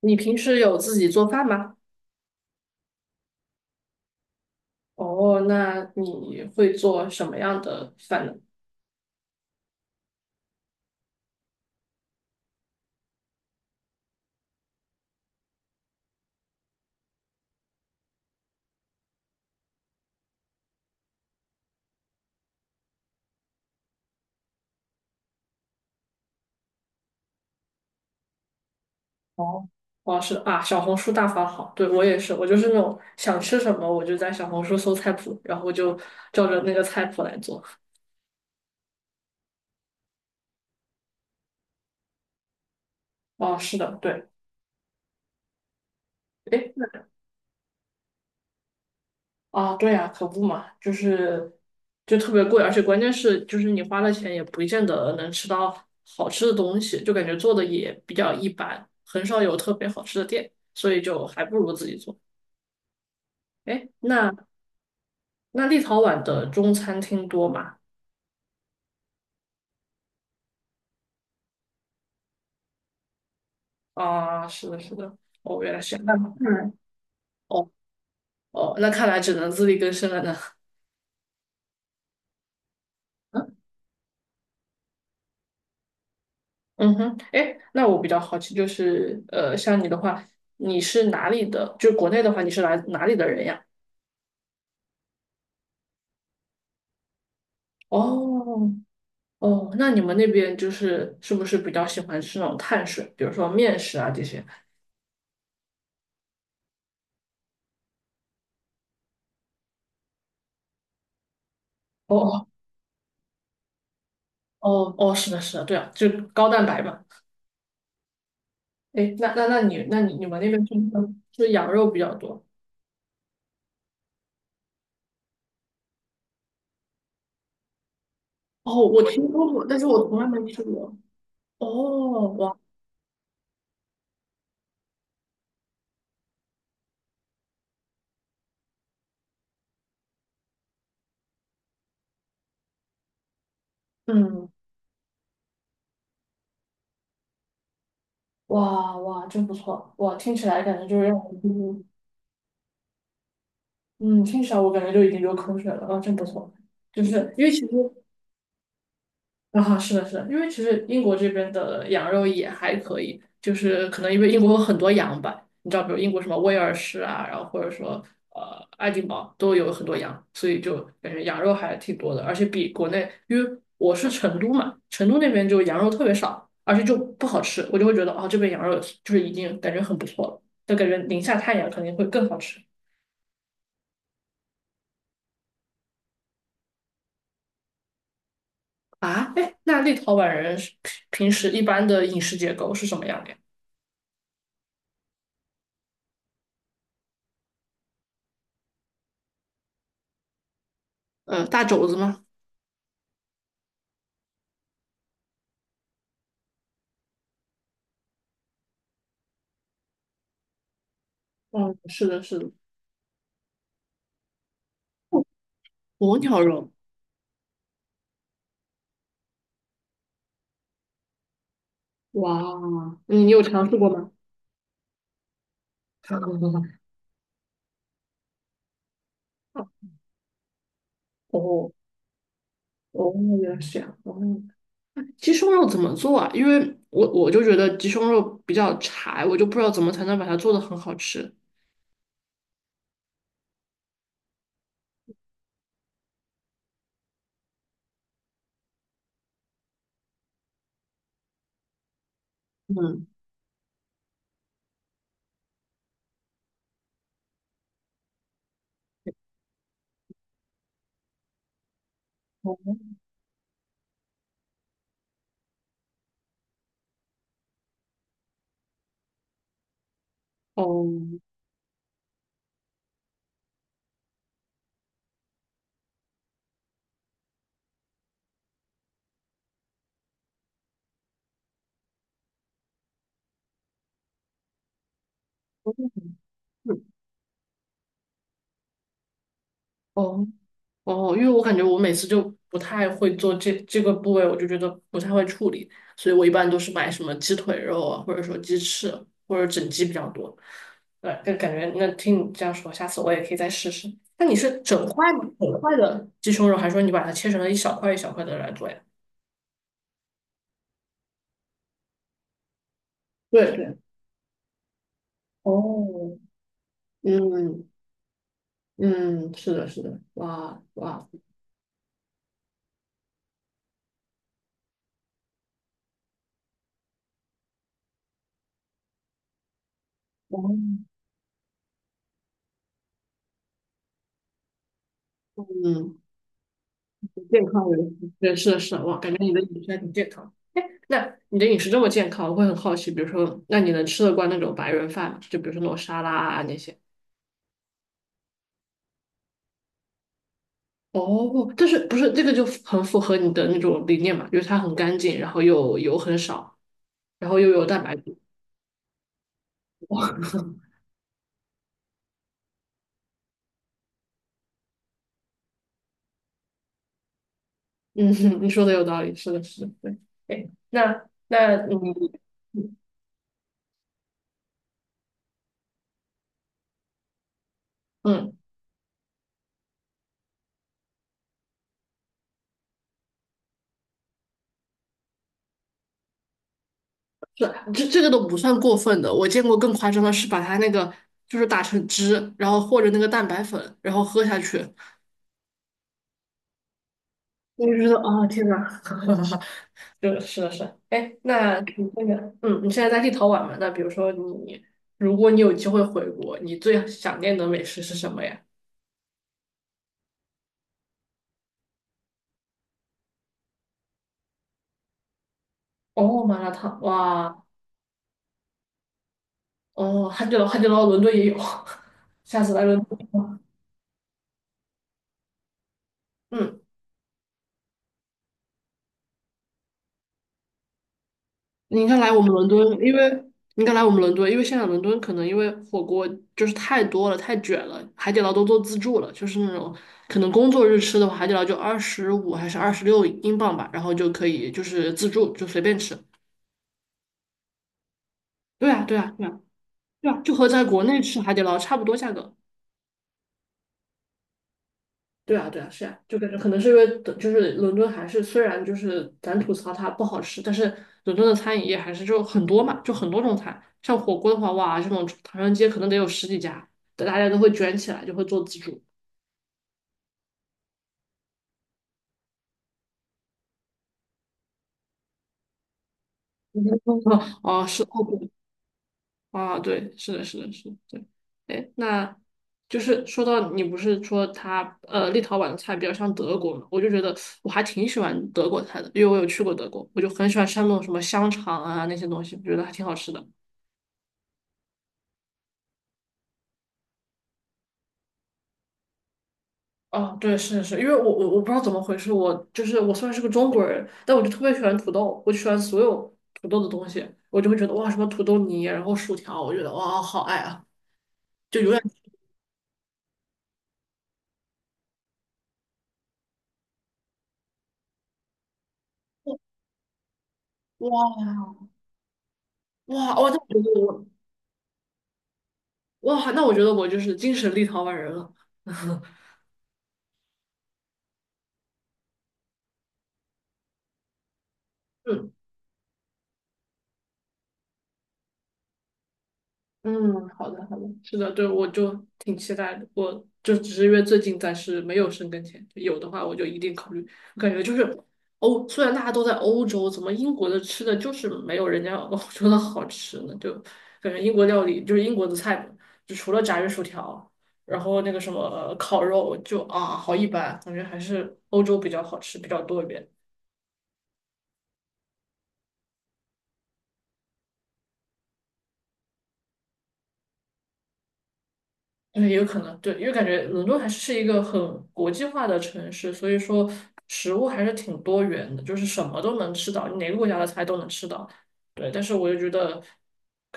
你平时有自己做饭吗？哦，那你会做什么样的饭呢？哦，哦，是啊，小红书大法好，对，我也是，我就是那种想吃什么，我就在小红书搜菜谱，然后就照着那个菜谱来做。哦，是的，对，诶，啊，对呀，可不嘛，就特别贵，而且关键是就是你花了钱也不见得能吃到好吃的东西，就感觉做的也比较一般，很少有特别好吃的店，所以就还不如自己做。哎，那那立陶宛的中餐厅多吗？啊，是的，是的。哦，原来是这样。嗯，哦哦，那看来只能自力更生了呢。嗯 嗯哼，哎，那我比较好奇，像你的话，你是哪里的？就国内的话，你是来哪里的人呀？哦哦，那你们那边就是是不是比较喜欢吃那种碳水，比如说面食啊这些？哦哦哦哦，是的，是的，对啊，就高蛋白嘛。哎，那你们那边是不是是羊肉比较多？哦，我听说过，但是我从来没吃过。哦，哇，嗯，哇哇，真不错，哇，听起来感觉就是让我，嗯，听起来我感觉就已经流口水了，啊，真不错，就是因为其实啊，是的，是的，因为其实英国这边的羊肉也还可以，就是可能因为英国有很多羊吧，你知道，比如英国什么威尔士啊，然后或者说爱丁堡都有很多羊，所以就感觉羊肉还挺多的，而且比国内，因为我是成都嘛，成都那边就羊肉特别少，而且就不好吃，我就会觉得哦，这边羊肉就是已经感觉很不错了，就感觉宁夏太阳肯定会更好吃啊。哎，那立陶宛人是平时一般的饮食结构是什么样的呀？大肘子吗？嗯，是的，是的，哦，鸵鸟肉，哇，你有尝试过吗？尝试过 哦哦，原来是这样。哦，鸡胸肉怎么做啊？因为我就觉得鸡胸肉比较柴，我就不知道怎么才能把它做的很好吃。嗯，哦，嗯。哦哦，因为我感觉我每次就不太会做这个部位，我就觉得不太会处理，所以我一般都是买什么鸡腿肉啊，或者说鸡翅或者整鸡比较多。对，就感觉那听你这样说，下次我也可以再试试。那你是整块的鸡胸肉，还是说你把它切成了一小块一小块的来做呀？对对，哦，嗯嗯，是的，是的，哇哇，哦，嗯。健康人士对是的是的，哇，感觉你的饮食还挺健康。哎，那你的饮食这么健康，我会很好奇，比如说，那你能吃得惯那种白人饭吗？就比如说那种沙拉啊那些。哦，但是不是这个就很符合你的那种理念嘛？就是它很干净，然后又油很少，然后又有蛋白质。嗯，你说的有道理，是的，是的，对。哎，那你。嗯，是这个都不算过分的。我见过更夸张的是把它那个就是打成汁，然后和着那个蛋白粉，然后喝下去，我就觉得啊，天呐，就是是的是的，哎，那你那个，嗯，你现在在立陶宛嘛？那比如说你，如果你有机会回国，你最想念的美食是什么呀？哦，麻辣烫，哇，哦，汉堡，汉堡捞，伦敦也有，下次来伦敦，嗯。你应该来我们伦敦，因为你应该来我们伦敦，因为现在伦敦可能因为火锅就是太多了，太卷了，海底捞都做自助了，就是那种可能工作日吃的话，海底捞就25还是26英镑吧，然后就可以就是自助就随便吃。对啊，对啊，对啊，对啊，就和在国内吃海底捞差不多价格。对啊，对啊，是啊，就感觉可能是因为等就是伦敦还是虽然就是咱吐槽它不好吃，但是伦敦的餐饮业还是就很多嘛，就很多种菜。像火锅的话，哇，这种唐人街可能得有十几家，大家都会卷起来，就会做自助。哦，是哦，对，啊，对，是的，是的，是的，对。哎，那就是说到你不是说它立陶宛的菜比较像德国嘛，我就觉得我还挺喜欢德国菜的，因为我有去过德国，我就很喜欢吃那种什么香肠啊那些东西，我觉得还挺好吃的。哦，对，是是，因为我不知道怎么回事，我就是我虽然是个中国人，但我就特别喜欢土豆，我就喜欢所有土豆的东西，我就会觉得哇，什么土豆泥，然后薯条，我觉得哇，好爱啊！哇哇哦，那我觉得我哇，那我觉得我就是精神立陶宛人了。嗯，好的，好的，是的，对，我就挺期待的。我就只是因为最近暂时没有生根签，有的话我就一定考虑。我感觉就是欧，虽然大家都在欧洲，怎么英国的吃的就是没有人家欧洲的好吃呢？就感觉英国料理就是英国的菜嘛，就除了炸鱼薯条，然后那个什么烤肉，就啊好一般，感觉还是欧洲比较好吃，比较多一点。嗯，也有可能，对，因为感觉伦敦还是一个很国际化的城市，所以说食物还是挺多元的，就是什么都能吃到，你哪个国家的菜都能吃到。对，但是我就觉得，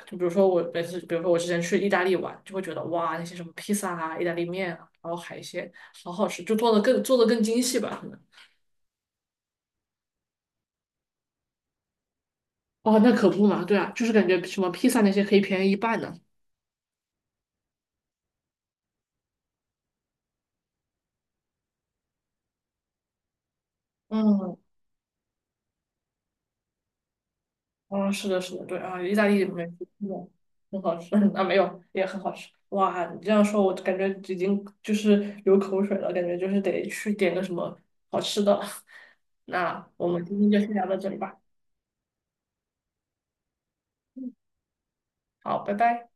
就比如说我每次，比如说我之前去意大利玩，就会觉得哇，那些什么披萨啊、意大利面啊，然后海鲜，好好吃，就做的更做的更精细吧，可能。哦，那可不嘛，对啊，就是感觉什么披萨那些可以便宜一半呢。嗯。嗯，是的，是的，对啊，意大利美食真的很好吃 啊，没有也很好吃。哇，你这样说，我感觉已经就是流口水了，感觉就是得去点个什么好吃的了。那我们今天就先聊到这里吧，好，拜拜。